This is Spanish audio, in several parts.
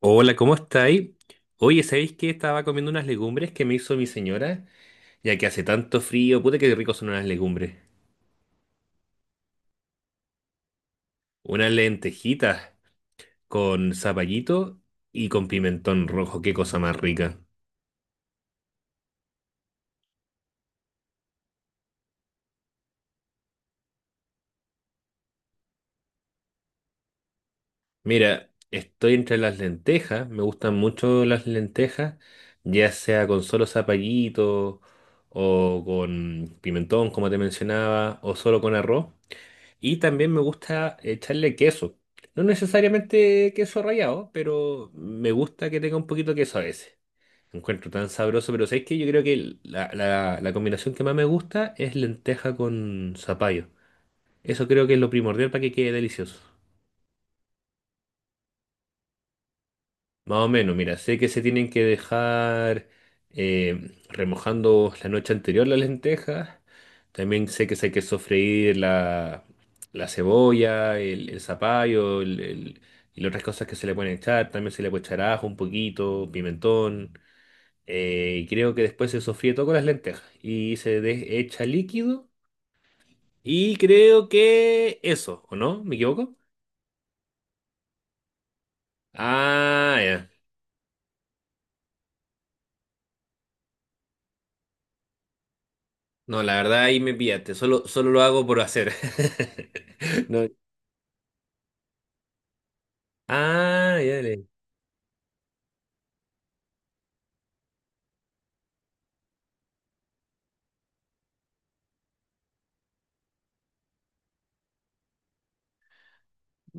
Hola, ¿cómo estáis? Oye, ¿sabéis que estaba comiendo unas legumbres que me hizo mi señora? Ya que hace tanto frío, puta que rico son unas legumbres. Unas lentejitas con zapallito y con pimentón rojo, qué cosa más rica. Mira, estoy entre las lentejas, me gustan mucho las lentejas, ya sea con solo zapallito o con pimentón, como te mencionaba, o solo con arroz. Y también me gusta echarle queso. No necesariamente queso rallado, pero me gusta que tenga un poquito de queso a veces. Lo encuentro tan sabroso, pero ¿sabes que yo creo que la combinación que más me gusta es lenteja con zapallo? Eso creo que es lo primordial para que quede delicioso. Más o menos, mira, sé que se tienen que dejar remojando la noche anterior las lentejas. También sé que se hay que sofreír la, la cebolla, el zapallo y las otras cosas que se le pueden echar. También se le puede echar ajo un poquito, pimentón. Y creo que después se sofríe todo con las lentejas y se echa líquido. Y creo que eso, ¿o no? ¿Me equivoco? Ah, ya. No, la verdad ahí me pillaste. Solo, solo lo hago por hacer. No. Ah, ya, dale.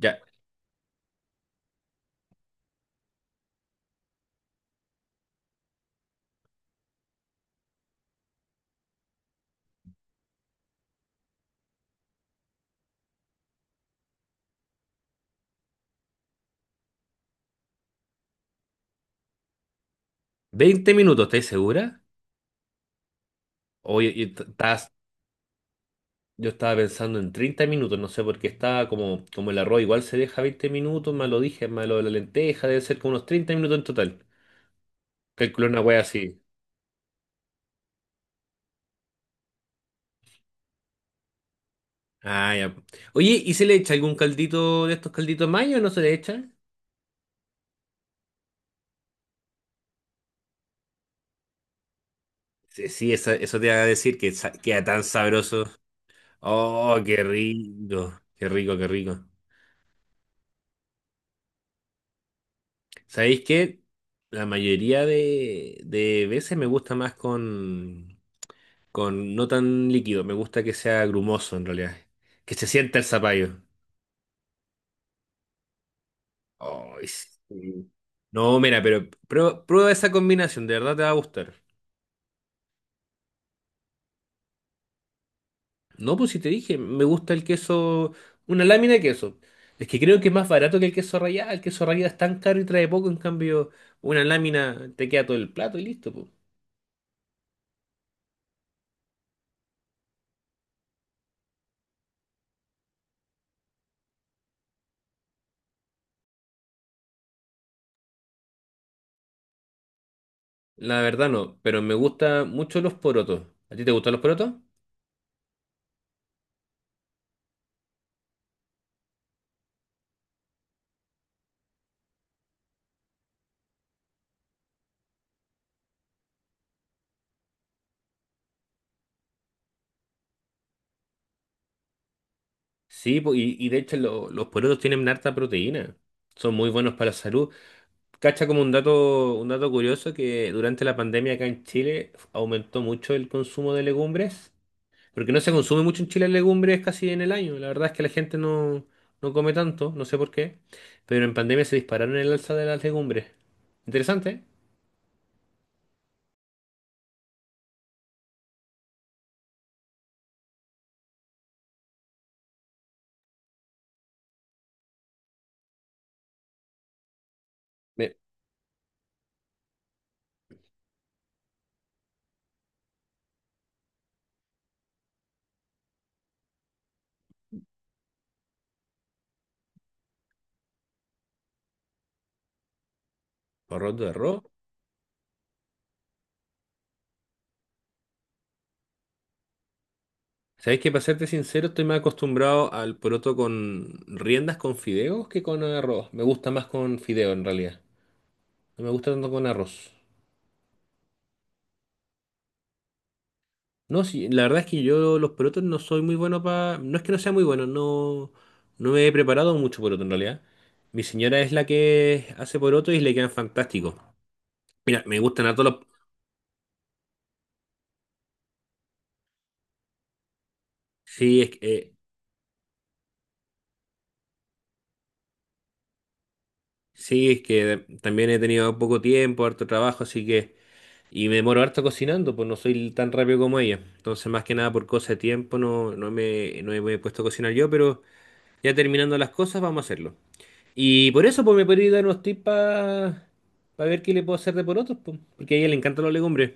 Ya. 20 minutos, ¿estás segura? Oye, yo estaba pensando en 30 minutos, no sé por qué estaba como, como el arroz igual se deja 20 minutos, más lo dije, más lo de la lenteja, debe ser como unos 30 minutos en total. Calculé una wea así. Ah, ya. Oye, ¿y se le echa algún caldito de estos calditos mayo o no se le echa? Sí, sí, eso te iba a decir que queda tan sabroso. Oh, qué rico, qué rico, qué rico. ¿Sabéis qué? La mayoría de veces me gusta más con no tan líquido, me gusta que sea grumoso en realidad, que se sienta el zapallo. Ay, sí. No, mira, pero prueba esa combinación, de verdad te va a gustar. No, pues si te dije, me gusta el queso, una lámina de queso. Es que creo que es más barato que el queso rallado es tan caro y trae poco, en cambio una lámina te queda todo el plato y listo, pues. La verdad no, pero me gustan mucho los porotos. ¿A ti te gustan los porotos? Sí, po- y de hecho los porotos tienen harta proteína. Son muy buenos para la salud. Cacha como un dato curioso que durante la pandemia acá en Chile aumentó mucho el consumo de legumbres, porque no se consume mucho en Chile legumbres casi en el año. La verdad es que la gente no, no come tanto, no sé por qué, pero en pandemia se dispararon el alza de las legumbres. Interesante. ¿Eh? Me- Poroto de arroz. Sabes que para serte sincero, estoy más acostumbrado al poroto con riendas con fideos que con arroz. Me gusta más con fideo en realidad. No me gusta tanto con arroz. No, sí, la verdad es que yo los porotos no soy muy bueno para. No es que no sea muy bueno, no, no me he preparado mucho poroto en realidad. Mi señora es la que hace poroto y le quedan fantásticos. Mira, me gustan a todos los. Sí, es que, eh, sí, es que también he tenido poco tiempo, harto trabajo, así que. Y me demoro harto cocinando, pues no soy tan rápido como ella. Entonces, más que nada por cosa de tiempo, no, no me he puesto a cocinar yo, pero ya terminando las cosas, vamos a hacerlo. Y por eso, pues me podría dar unos tips para ver qué le puedo hacer de porotos, pues, porque a ella le encantan las legumbres.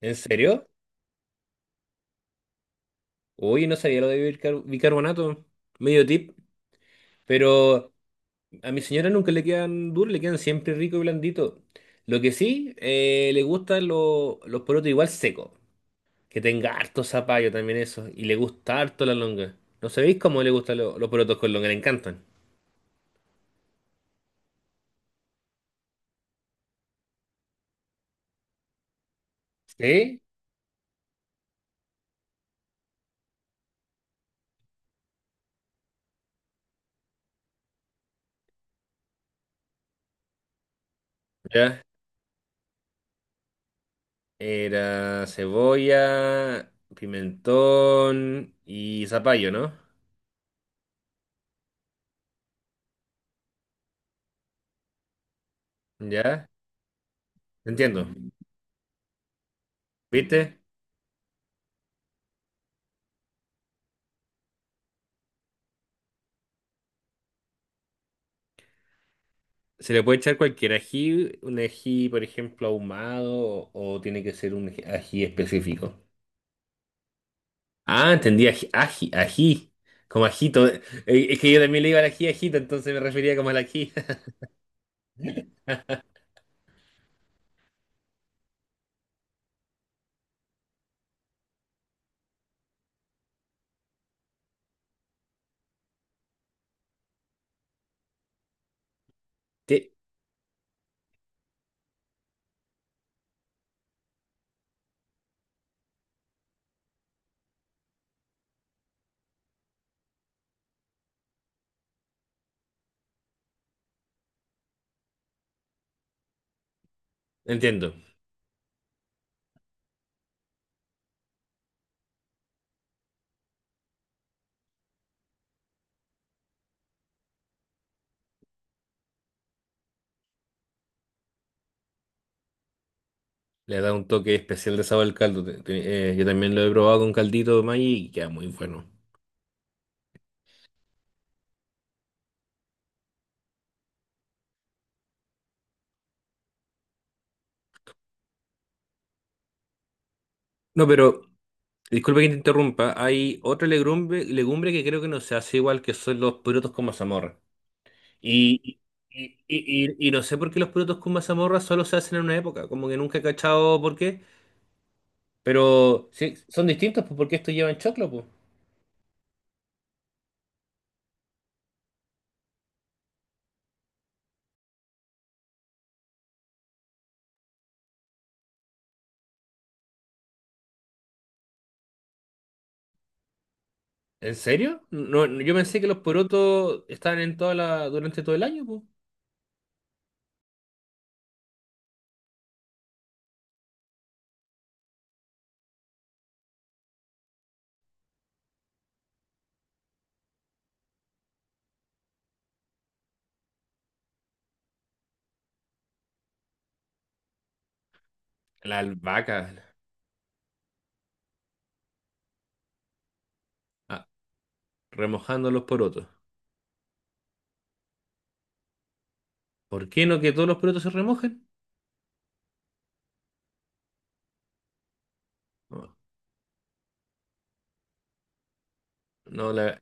¿En serio? Uy, no sabía lo de bicarbonato. Medio tip. Pero a mi señora nunca le quedan duros, le quedan siempre rico y blandito. Lo que sí, le gustan los porotos igual secos. Que tenga harto zapallo también eso. Y le gusta harto la longa. ¿No sabéis cómo le gustan los porotos con longa? Le encantan. ¿Sí? ¿Ya? Era cebolla, pimentón y zapallo, ¿no? ¿Ya? Entiendo. ¿Viste? Se le puede echar cualquier ají, un ají, por ejemplo, ahumado, o tiene que ser un ají ají específico. Ah, entendí, ají, ají, ají, como ajito. Es que yo también le iba al ají, ajito, entonces me refería como al ají. Sí, entiendo. Le da un toque especial de sabor al caldo. Yo también lo he probado con caldito de maíz y queda muy bueno. No, pero disculpe que te interrumpa. Hay otra legumbre, legumbre que creo que no se hace igual que son los porotos con mazamorra. Y, y no sé por qué los porotos con mazamorra solo se hacen en una época. Como que nunca he cachado por qué. Pero sí, son distintos pues, porque estos llevan choclo, pues. ¿En serio? No, no, yo pensé que los porotos estaban en toda la, durante todo el año, pues. La albahaca, ah, remojando los porotos. ¿Por qué no que todos los porotos se remojen? No, no, la,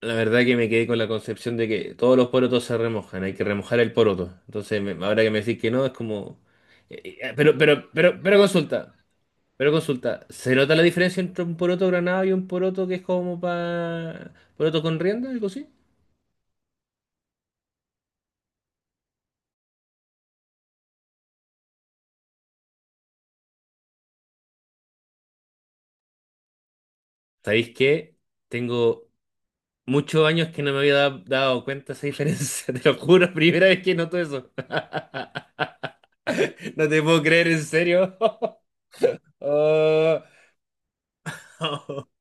la verdad que me quedé con la concepción de que todos los porotos se remojan, hay que remojar el poroto. Entonces, me- ahora que me decís que no, es como... pero, pero consulta, ¿se nota la diferencia entre un poroto granado y un poroto que es como para... poroto con rienda, algo así? ¿Sabéis qué? Tengo muchos años que no me había dado cuenta de esa diferencia, te lo juro, primera vez que noto eso. No te puedo creer, en serio. Ah,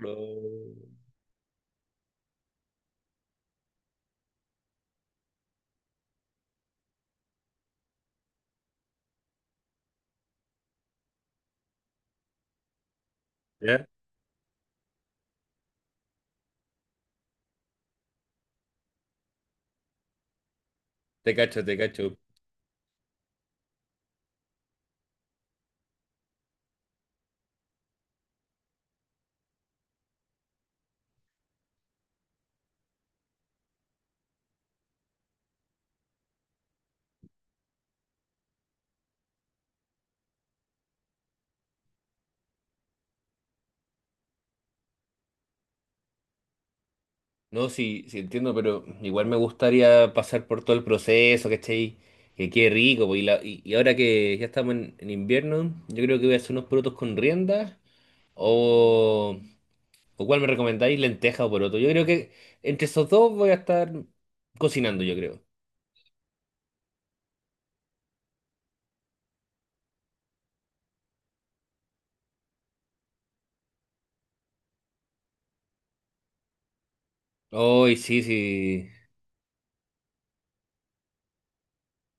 no. ¿Ya? Te cacho, te cacho. No, sí, sí entiendo, pero igual me gustaría pasar por todo el proceso, ¿cachai? Que quede rico, po, y, y ahora que ya estamos en invierno, yo creo que voy a hacer unos porotos con rienda, o, o cuál me recomendáis, lenteja o poroto. Yo creo que entre esos dos voy a estar cocinando, yo creo. Hoy sí, sí,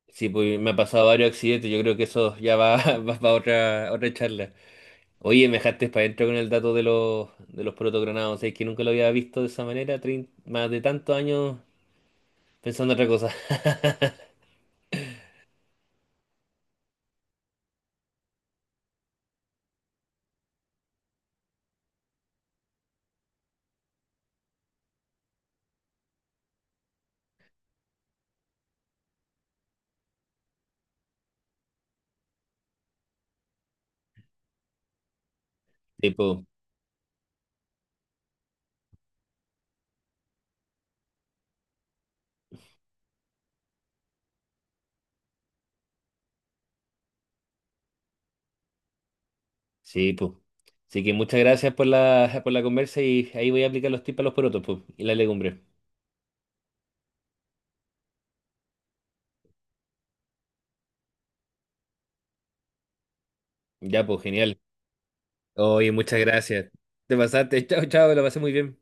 sí, pues me ha pasado varios accidentes, yo creo que eso ya va, va para otra, otra charla. Oye, me dejaste para adentro con el dato de los protogronados. Es que nunca lo había visto de esa manera, más de tantos años pensando en otra cosa. Sí, po. Sí, po. Así que muchas gracias por la conversa y ahí voy a aplicar los tips a los porotos, po, y la legumbre. Ya, pues, genial. Oye, muchas gracias. Te pasaste. Chao, chao, lo pasé muy bien.